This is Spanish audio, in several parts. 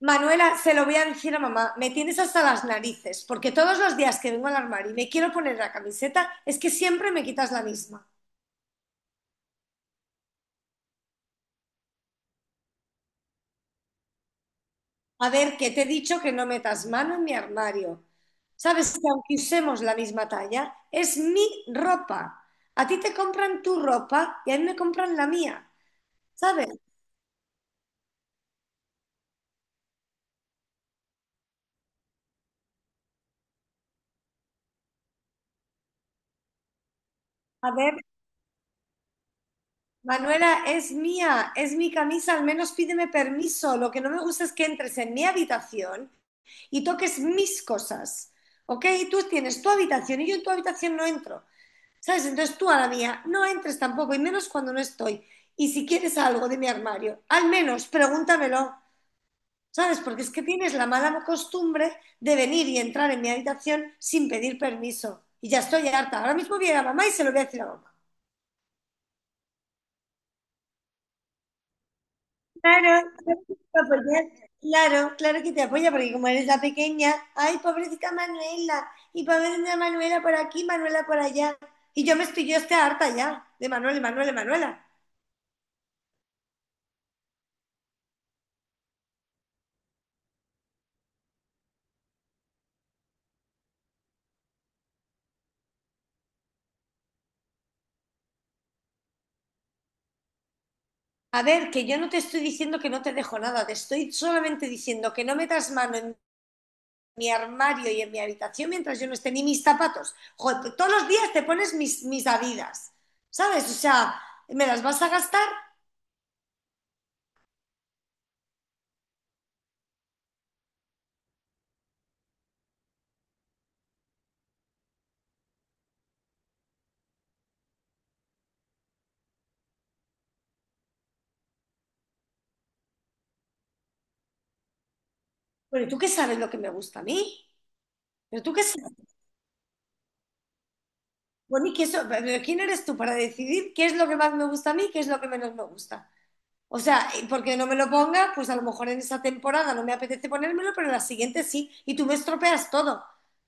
Manuela, se lo voy a decir a mamá, me tienes hasta las narices, porque todos los días que vengo al armario y me quiero poner la camiseta, es que siempre me quitas la misma. A ver, que te he dicho que no metas mano en mi armario. Sabes que aunque usemos la misma talla, es mi ropa. A ti te compran tu ropa y a mí me compran la mía, ¿sabes? A ver, Manuela, es mía, es mi camisa, al menos pídeme permiso. Lo que no me gusta es que entres en mi habitación y toques mis cosas, ¿ok? Y tú tienes tu habitación y yo en tu habitación no entro, ¿sabes? Entonces tú a la mía no entres tampoco, y menos cuando no estoy. Y si quieres algo de mi armario, al menos pregúntamelo, ¿sabes? Porque es que tienes la mala costumbre de venir y entrar en mi habitación sin pedir permiso. Y ya estoy harta. Ahora mismo viene a ir a mamá y se lo voy a decir a mamá. Claro, claro que te apoya, claro, claro que te apoya, porque como eres la pequeña, ay, pobrecita Manuela, y pobrecita Manuela por aquí, Manuela por allá. Y yo estoy harta ya de Manuela, y Manuela, y Manuela. A ver, que yo no te estoy diciendo que no te dejo nada, te estoy solamente diciendo que no metas mano en mi armario y en mi habitación mientras yo no esté ni mis zapatos. Joder, tú todos los días te pones mis Adidas, ¿sabes? O sea, ¿me las vas a gastar? Pero tú qué sabes lo que me gusta a mí, pero tú qué sabes. Bueno, pero ¿quién eres tú para decidir qué es lo que más me gusta a mí y qué es lo que menos me gusta? O sea, y porque no me lo ponga, pues a lo mejor en esa temporada no me apetece ponérmelo, pero en la siguiente sí. Y tú me estropeas todo.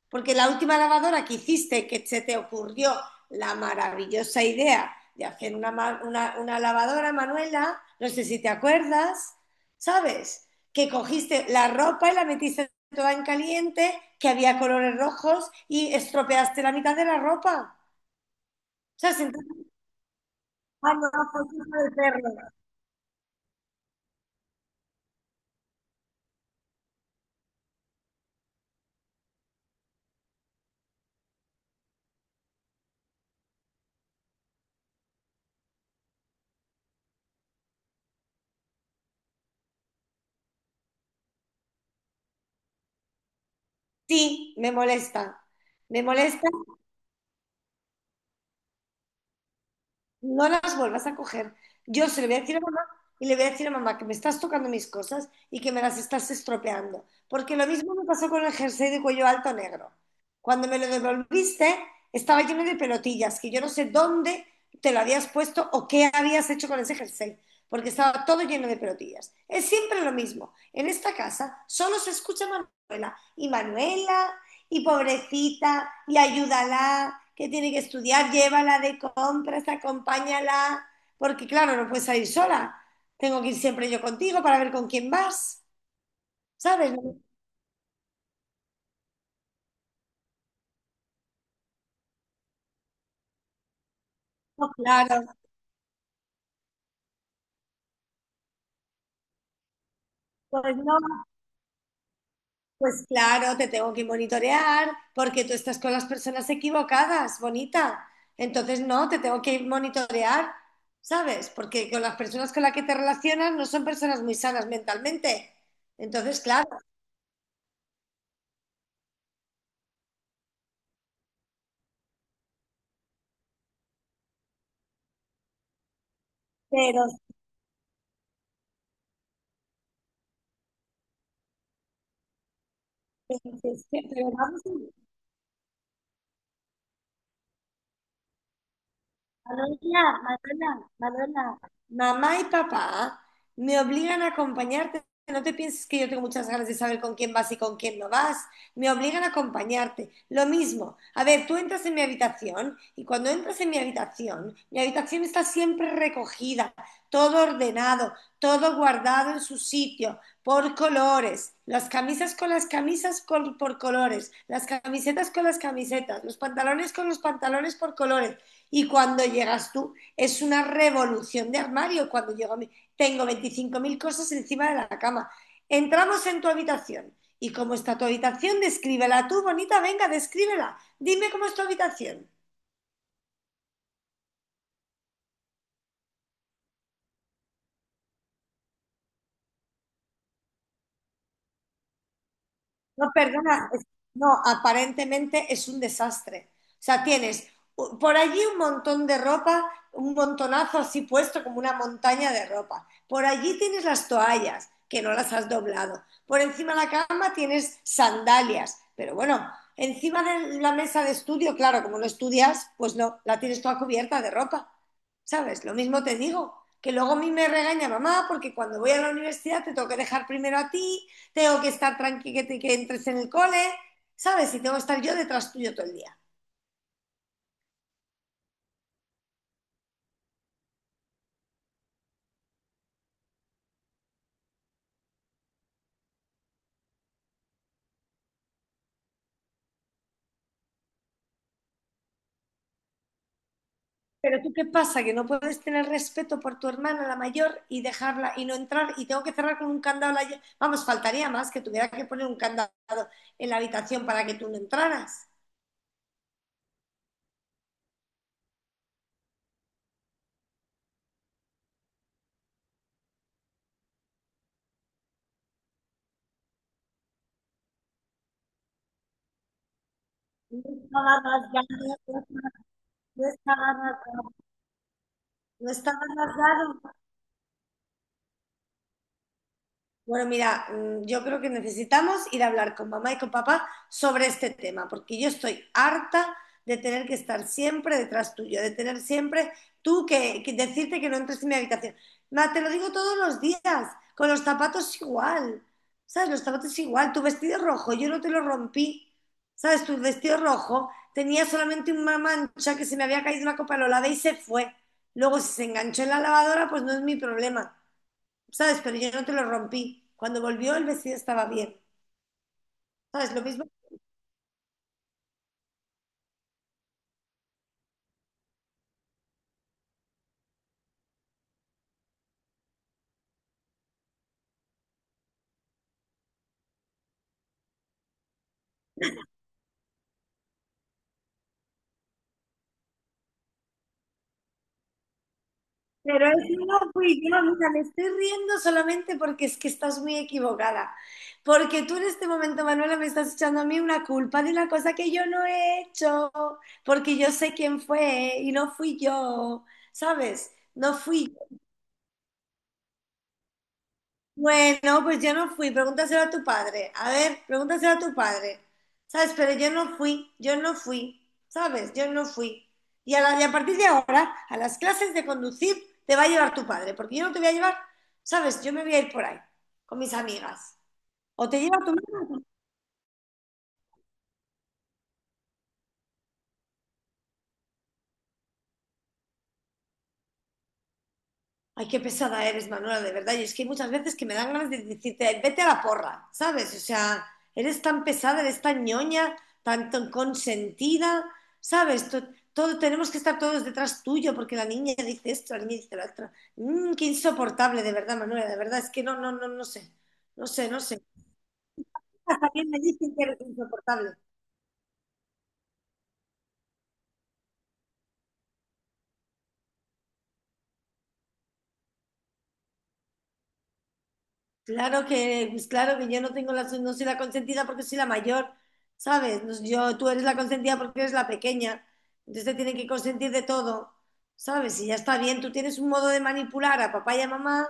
Porque la última lavadora que hiciste, que se te ocurrió la maravillosa idea de hacer una lavadora, Manuela, no sé si te acuerdas, ¿sabes? Que cogiste la ropa y la metiste toda en caliente, que había colores rojos y estropeaste la mitad de la ropa. sea, sentir, ah, no, fue culpa del perro. Sí, me molesta. Me molesta, no las vuelvas a coger. Yo se lo voy a decir a mamá y le voy a decir a mamá que me estás tocando mis cosas y que me las estás estropeando. Porque lo mismo me pasó con el jersey de cuello alto negro. Cuando me lo devolviste, estaba lleno de pelotillas, que yo no sé dónde te lo habías puesto o qué habías hecho con ese jersey, porque estaba todo lleno de pelotillas. Es siempre lo mismo. En esta casa solo se escucha Manuela y Manuela y pobrecita, y ayúdala, que tiene que estudiar, llévala de compras, acompáñala, porque claro, no puedes salir sola. Tengo que ir siempre yo contigo para ver con quién vas, ¿sabes? No, claro, pues no, pues claro, te tengo que monitorear porque tú estás con las personas equivocadas, bonita. Entonces no, te tengo que monitorear, ¿sabes? Porque con las personas con las que te relacionas no son personas muy sanas mentalmente. Entonces, claro, pero Entonces, que te veamos. Manuela, Manuela, Manuela, mamá y papá me obligan a acompañarte. No te pienses que yo tengo muchas ganas de saber con quién vas y con quién no vas. Me obligan a acompañarte. Lo mismo. A ver, tú entras en mi habitación y cuando entras en mi habitación está siempre recogida, todo ordenado, todo guardado en su sitio, por colores. Las camisas con las camisas por colores, las camisetas con las camisetas, los pantalones con los pantalones por colores. Y cuando llegas tú, es una revolución de armario. Cuando llego a mí, tengo 25.000 cosas encima de la cama. Entramos en tu habitación. ¿Y cómo está tu habitación? Descríbela tú, bonita, venga, descríbela. Dime cómo es tu habitación. No, perdona, no, aparentemente es un desastre. O sea, tienes por allí un montón de ropa, un montonazo así puesto como una montaña de ropa. Por allí tienes las toallas, que no las has doblado. Por encima de la cama tienes sandalias. Pero bueno, encima de la mesa de estudio, claro, como no estudias, pues no, la tienes toda cubierta de ropa. ¿Sabes? Lo mismo te digo, que luego a mí me regaña mamá porque cuando voy a la universidad te tengo que dejar primero a ti. Tengo que estar tranquila, entres en el cole, ¿sabes? Y tengo que estar yo detrás tuyo todo el día. Pero tú qué pasa, que no puedes tener respeto por tu hermana, la mayor, y dejarla y no entrar, y tengo que cerrar con un candado. Vamos, faltaría más que tuviera que poner un candado en la habitación para que tú no entraras. No estaba rasgado, no estaba rasgado. No estaba rasgado. Bueno, mira, yo creo que necesitamos ir a hablar con mamá y con papá sobre este tema, porque yo estoy harta de tener que estar siempre detrás tuyo, de tener siempre tú que decirte que no entres en mi habitación. Ma, te lo digo todos los días, con los zapatos igual, ¿sabes? Los zapatos igual, tu vestido rojo, yo no te lo rompí, ¿sabes? Tu vestido rojo tenía solamente una mancha que se me había caído una copa, lo lavé y se fue. Luego, si se enganchó en la lavadora, pues no es mi problema. ¿Sabes? Pero yo no te lo rompí. Cuando volvió el vestido estaba bien, ¿sabes? Lo mismo. Pero es no fui yo, mira, me estoy riendo solamente porque es que estás muy equivocada. Porque tú en este momento, Manuela, me estás echando a mí una culpa de una cosa que yo no he hecho, porque yo sé quién fue y no fui yo, ¿sabes? No fui Bueno, pues yo no fui, pregúntaselo a tu padre. A ver, pregúntaselo a tu padre. ¿Sabes? Pero yo no fui, ¿sabes? Yo no fui. Y a partir de ahora, a las clases de conducir te va a llevar tu padre, porque yo no te voy a llevar, ¿sabes? Yo me voy a ir por ahí, con mis amigas. O te lleva tu Ay, qué pesada eres, Manuela, de verdad. Y es que hay muchas veces que me dan ganas de decirte, "Ay, vete a la porra, ¿sabes? O sea, eres tan pesada, eres tan ñoña, tan consentida, ¿sabes? Todo, tenemos que estar todos detrás tuyo porque la niña dice esto, la niña dice lo otro. Qué insoportable, de verdad, Manuela, de verdad. Es que no, no, no, no sé. No sé, no sé. También me dicen que eres insoportable. Pues claro que yo no soy la consentida porque soy la mayor, ¿sabes? Tú eres la consentida porque eres la pequeña, entonces te tienen que consentir de todo, ¿sabes? Y ya está bien, tú tienes un modo de manipular a papá y a mamá,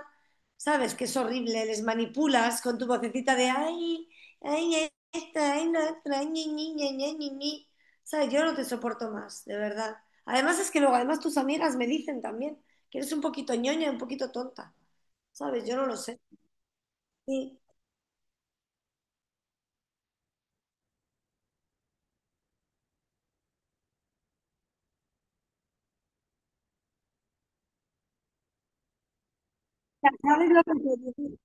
¿sabes? Que es horrible, les manipulas con tu vocecita de ay, ay, esta, ay, la otra, ñi, ñi, ña, ña, ñi, ñi". ¿Sabes? Yo no te soporto más, de verdad. Además es que luego, además tus amigas me dicen también que eres un poquito ñoña, un poquito tonta, ¿sabes? Yo no lo sé. Sí. Ya. ¿Sabes lo que te digo?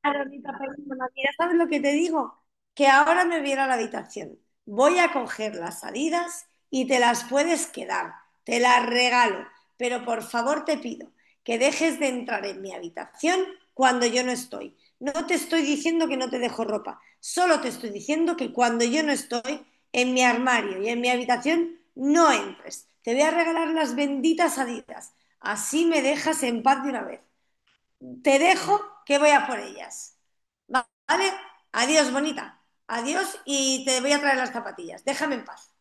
Claro, mi papá y mira, ¿sabes lo que te digo? Que ahora me voy a ir a la habitación. Voy a coger las salidas y te las puedes quedar. Te las regalo. Pero por favor te pido que dejes de entrar en mi habitación cuando yo no estoy. No te estoy diciendo que no te dejo ropa. Solo te estoy diciendo que cuando yo no estoy en mi armario y en mi habitación, no entres. Te voy a regalar las benditas salidas. Así me dejas en paz de una vez. Te dejo que voy a por ellas. ¿Vale? Adiós, bonita. Adiós y te voy a traer las zapatillas. Déjame en paz.